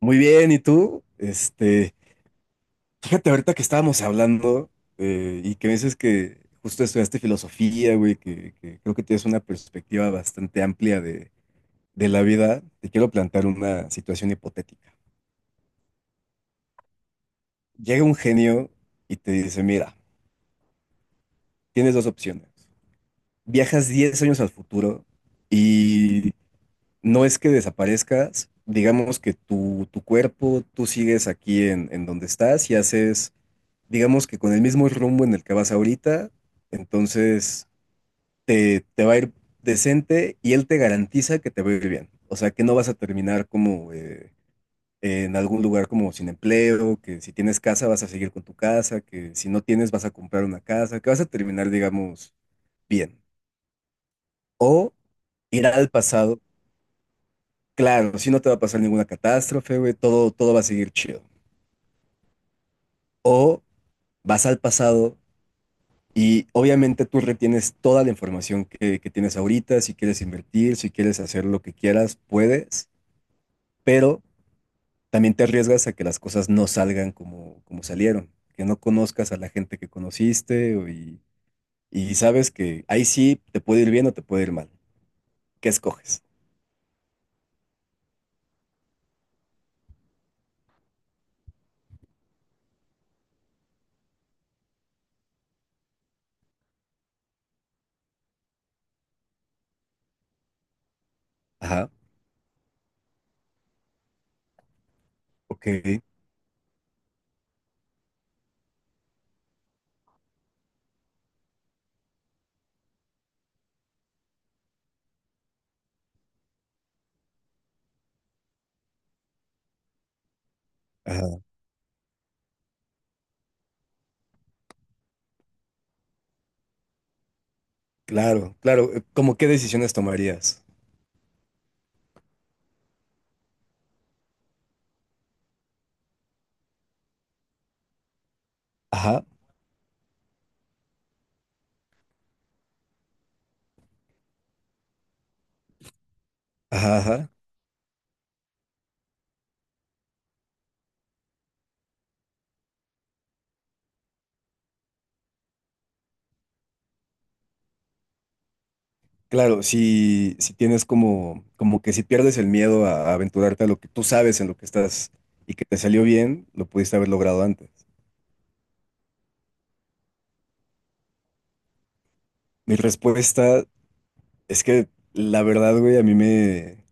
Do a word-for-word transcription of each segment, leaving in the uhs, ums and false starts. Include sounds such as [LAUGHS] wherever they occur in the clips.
Muy bien, ¿y tú? Este, fíjate ahorita que estábamos hablando eh, y que me dices que justo estudiaste filosofía, güey, que, que creo que tienes una perspectiva bastante amplia de, de la vida. Te quiero plantear una situación hipotética. Llega un genio y te dice, mira, tienes dos opciones. Viajas diez años al futuro y no es que desaparezcas, digamos que tu, tu cuerpo, tú sigues aquí en, en donde estás y haces digamos que con el mismo rumbo en el que vas ahorita, entonces te, te va a ir decente y él te garantiza que te va a ir bien. O sea, que no vas a terminar como eh, en algún lugar como sin empleo, que si tienes casa vas a seguir con tu casa, que si no tienes vas a comprar una casa, que vas a terminar, digamos, bien. O ir al pasado, claro, si no te va a pasar ninguna catástrofe, güey, todo, todo va a seguir chido. O vas al pasado y obviamente tú retienes toda la información que, que tienes ahorita, si quieres invertir, si quieres hacer lo que quieras, puedes, pero también te arriesgas a que las cosas no salgan como, como salieron, que no conozcas a la gente que conociste o y, y sabes que ahí sí te puede ir bien o te puede ir mal. ¿Qué escoges? Ajá, ok, ajá, claro, claro. eh, ¿Cómo qué decisiones tomarías? Ajá, ajá, ajá. Claro, si, si tienes como, como que si pierdes el miedo a, a aventurarte a lo que tú sabes en lo que estás y que te salió bien, lo pudiste haber logrado antes. Mi respuesta es que la verdad, güey, a mí me,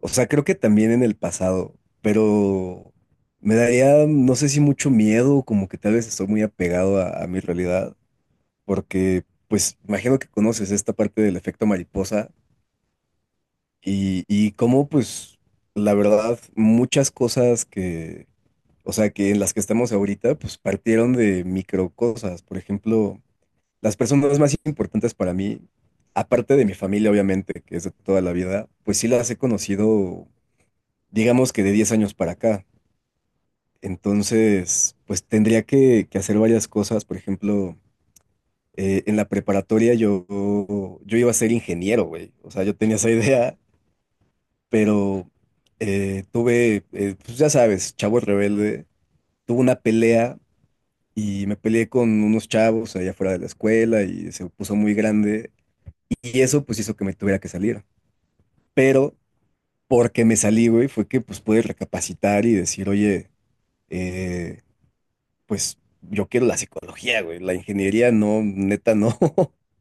o sea, creo que también en el pasado, pero me daría, no sé si mucho miedo, como que tal vez estoy muy apegado a, a mi realidad, porque pues imagino que conoces esta parte del efecto mariposa y, y cómo pues la verdad muchas cosas que o sea, que en las que estamos ahorita, pues partieron de micro cosas. Por ejemplo, las personas más importantes para mí, aparte de mi familia, obviamente, que es de toda la vida, pues sí las he conocido, digamos que de diez años para acá. Entonces, pues tendría que, que hacer varias cosas. Por ejemplo, eh, en la preparatoria yo, yo iba a ser ingeniero, güey. O sea, yo tenía esa idea, pero eh, tuve, eh, pues ya sabes, chavo rebelde, tuve una pelea y me peleé con unos chavos allá fuera de la escuela y se puso muy grande y eso pues hizo que me tuviera que salir. Pero porque me salí, güey, fue que pues pude recapacitar y decir, oye, eh, pues yo quiero la psicología, güey, la ingeniería no, neta no. [LAUGHS]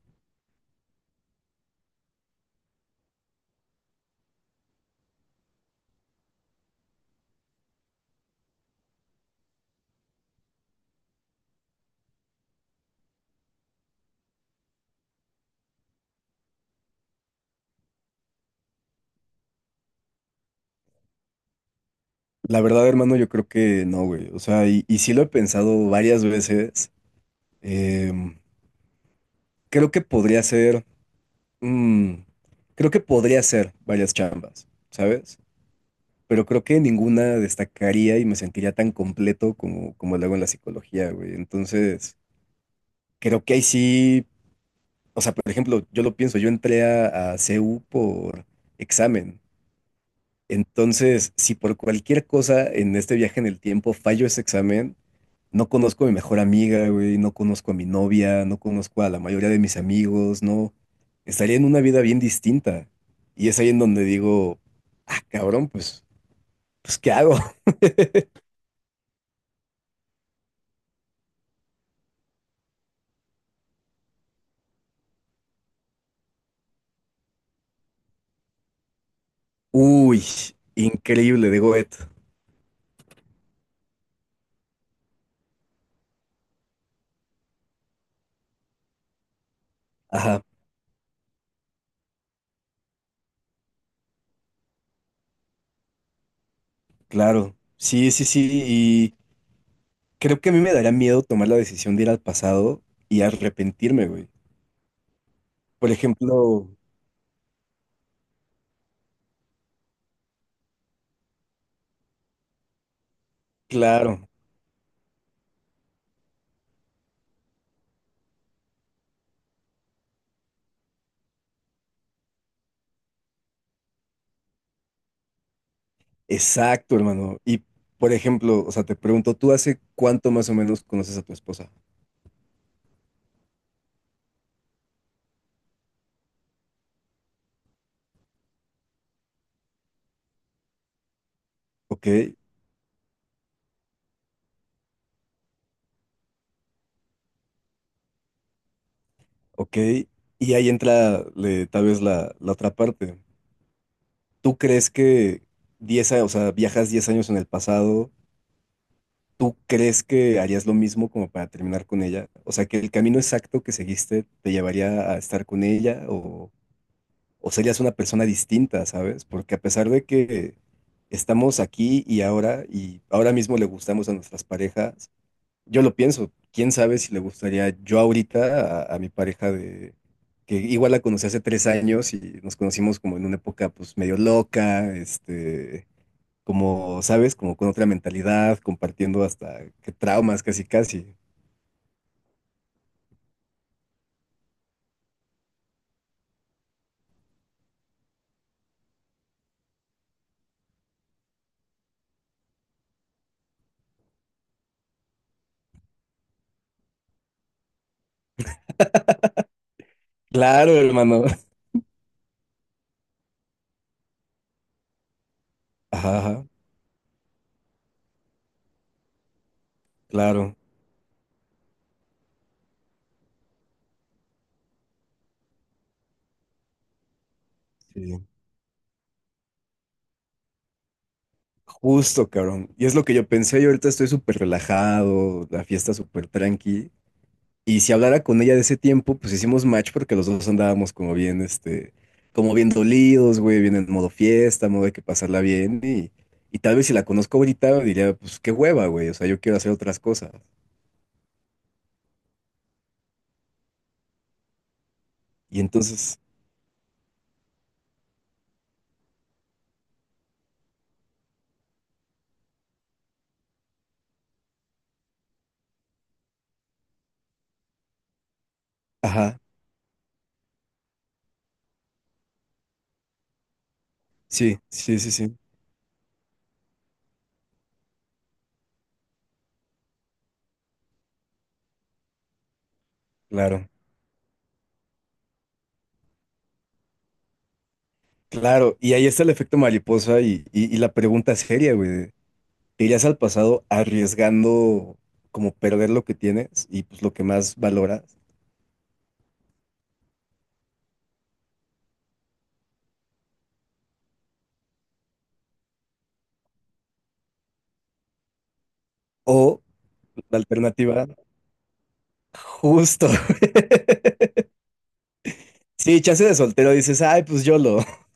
La verdad, hermano, yo creo que no, güey. O sea, y, y sí lo he pensado varias veces. Em, creo que podría ser, mm, creo que podría ser varias chambas, ¿sabes? Pero creo que ninguna destacaría y me sentiría tan completo como, como lo hago en la psicología, güey. Entonces, creo que ahí sí, o sea, por ejemplo, yo lo pienso, yo entré a, a C U por examen. Entonces, si por cualquier cosa en este viaje en el tiempo fallo ese examen, no conozco a mi mejor amiga, güey, no conozco a mi novia, no conozco a la mayoría de mis amigos, no. Estaría en una vida bien distinta. Y es ahí en donde digo, ah, cabrón, pues, pues, ¿qué hago? Uy, increíble de Goethe. Ajá, claro. Sí, sí, sí. Y creo que a mí me daría miedo tomar la decisión de ir al pasado y arrepentirme, güey. Por ejemplo, claro, exacto, hermano. Y por ejemplo, o sea, te pregunto, ¿tú hace cuánto más o menos conoces a tu esposa? Ok, ok. Y ahí entra le- tal vez la, la otra parte. ¿Tú crees que diez años, o sea, viajas diez años en el pasado? ¿Tú crees que harías lo mismo como para terminar con ella? O sea, que el camino exacto que seguiste te llevaría a estar con ella o, o serías una persona distinta, ¿sabes? Porque a pesar de que estamos aquí y ahora y ahora mismo le gustamos a nuestras parejas, yo lo pienso, quién sabe si le gustaría yo ahorita a, a mi pareja de que igual la conocí hace tres años y nos conocimos como en una época pues medio loca, este como, ¿sabes? Como con otra mentalidad, compartiendo hasta que traumas casi casi. Claro, hermano. [LAUGHS] Ajá, ajá, claro. Sí. Justo, cabrón. Y es lo que yo pensé, yo ahorita estoy súper relajado, la fiesta súper tranqui. Y si hablara con ella de ese tiempo, pues hicimos match porque los dos andábamos como bien, este, como bien dolidos, güey, bien en modo fiesta, modo de que pasarla bien. Y, y tal vez si la conozco ahorita, diría, pues qué hueva, güey, o sea, yo quiero hacer otras cosas. Y entonces, ajá, sí, sí, sí, sí. Claro, claro. Y ahí está el efecto mariposa y, y- y la pregunta seria, güey. De, ¿te irías al pasado arriesgando como perder lo que tienes y pues lo que más valoras? O la alternativa, justo. [LAUGHS] Sí, chance de soltero dices, ay, pues yo lo. [LAUGHS]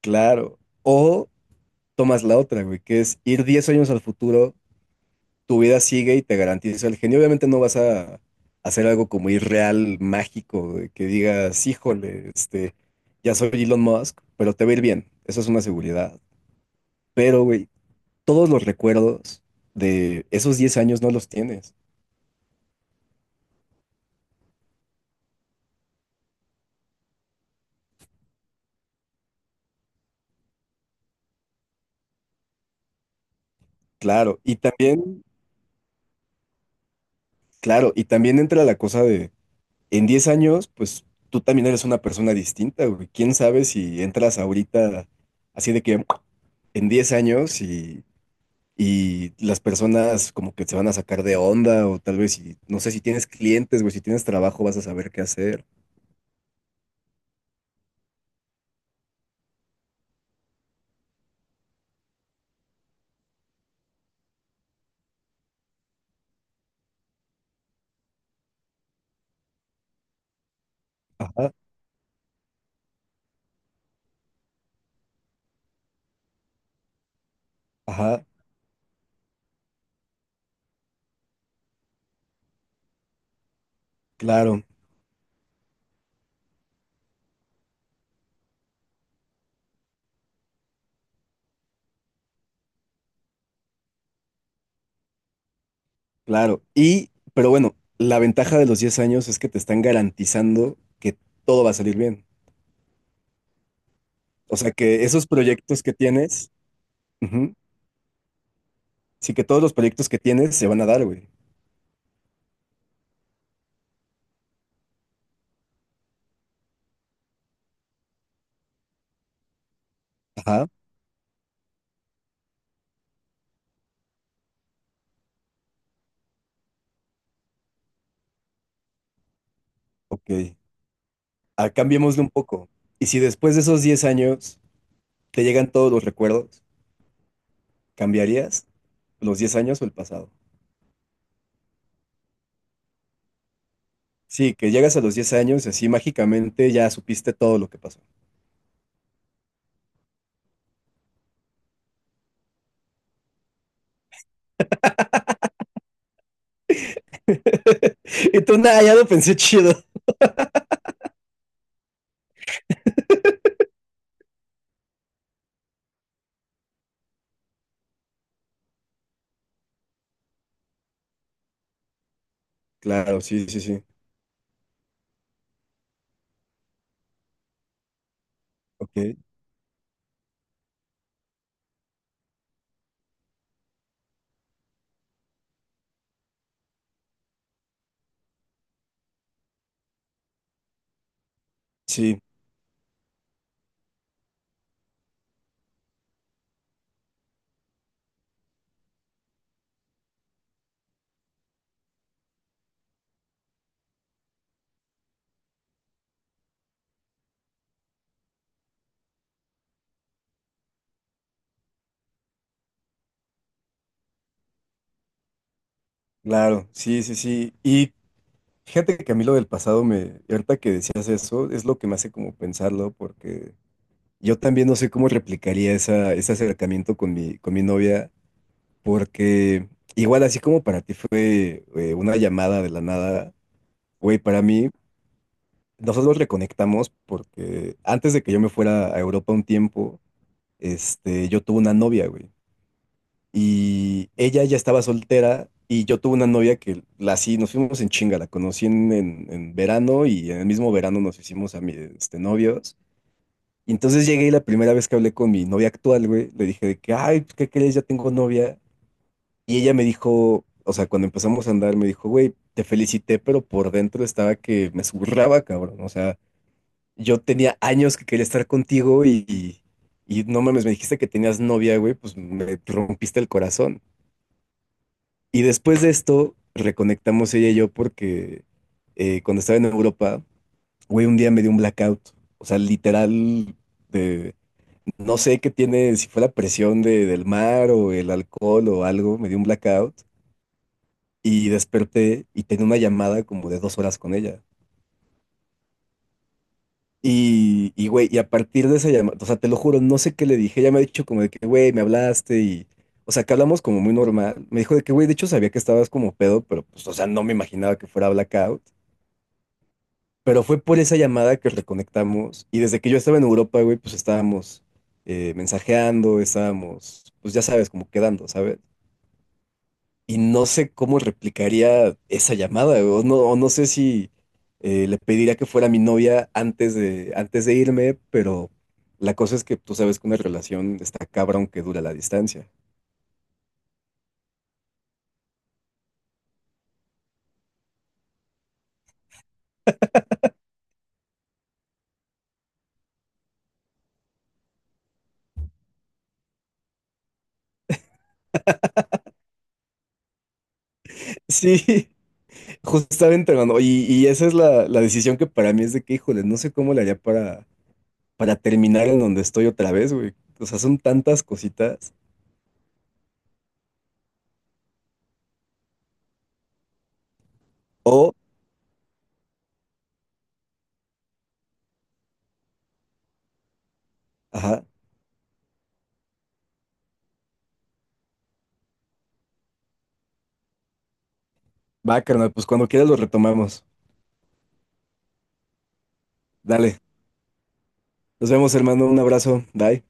Claro. O tomas la otra, güey, que es ir diez años al futuro, tu vida sigue y te garantiza el genio. Obviamente no vas a hacer algo como irreal, mágico, de que digas, híjole, este, ya soy Elon Musk, pero te va a ir bien. Eso es una seguridad. Pero, güey, todos los recuerdos de esos diez años no los tienes. Claro, y también, claro, y también entra la cosa de, en diez años, pues tú también eres una persona distinta, güey. ¿Quién sabe si entras ahorita así de que en diez años y y las personas como que se van a sacar de onda o tal vez, si, no sé si tienes clientes, güey, si tienes trabajo vas a saber qué hacer. Ajá, ajá, claro, claro. Y, pero bueno, la ventaja de los diez años es que te están garantizando que todo va a salir bien. O sea, que esos proyectos que tienes, ujú, sí que todos los proyectos que tienes se van a dar, güey. Ajá, ok. Ah, cambiémosle un poco. Y si después de esos diez años te llegan todos los recuerdos, ¿cambiarías los diez años o el pasado? Sí, que llegas a los diez años y así mágicamente ya supiste todo lo que pasó. [LAUGHS] Y tú, nada, ya lo pensé chido. Claro, sí, sí, sí. Ok, sí, claro, sí, sí, sí. Y fíjate que a mí lo del pasado me, y ahorita que decías eso, es lo que me hace como pensarlo, porque yo también no sé cómo replicaría esa, ese acercamiento con mi, con mi novia, porque igual así como para ti fue eh, una llamada de la nada, güey, para mí nosotros reconectamos porque antes de que yo me fuera a Europa un tiempo, este, yo tuve una novia, güey. Y ella ya estaba soltera y yo tuve una novia que la sí, nos fuimos en chinga, la conocí en, en- en verano y en el mismo verano nos hicimos a mi, este, novios. Y entonces llegué y la primera vez que hablé con mi novia actual, güey, le dije de que, ay, pues, ¿qué crees? Ya tengo novia. Y ella me dijo, o sea, cuando empezamos a andar, me dijo, güey, te felicité, pero por dentro estaba que me zurraba, cabrón. O sea, yo tenía años que quería estar contigo y, y no mames, me dijiste que tenías novia, güey, pues me rompiste el corazón. Y después de esto, reconectamos ella y yo porque eh, cuando estaba en Europa, güey, un día me dio un blackout. O sea, literal, de, no sé qué tiene, si fue la presión de, del mar o el alcohol o algo, me dio un blackout y desperté y tenía una llamada como de dos horas con ella. Y, y, güey, y a partir de esa llamada, o sea, te lo juro, no sé qué le dije, ella me ha dicho como de que, güey, me hablaste y, o sea, que hablamos como muy normal. Me dijo de que, güey, de hecho sabía que estabas como pedo, pero pues, o sea, no me imaginaba que fuera blackout. Pero fue por esa llamada que reconectamos y desde que yo estaba en Europa, güey, pues estábamos eh, mensajeando, estábamos, pues ya sabes, como quedando, ¿sabes? Y no sé cómo replicaría esa llamada, o no, o no sé si eh, le pediría que fuera mi novia antes de, antes de irme, pero la cosa es que tú sabes que una relación está cabrón que dura la distancia. Sí, [LAUGHS] justamente, hermano, y, y esa es la, la decisión que para mí es de que, híjole, no sé cómo le haría para, para terminar en donde estoy otra vez, güey. O sea, son tantas cositas. O, ajá, va, carnal, pues cuando quieras lo retomamos. Dale, nos vemos, hermano, un abrazo, bye.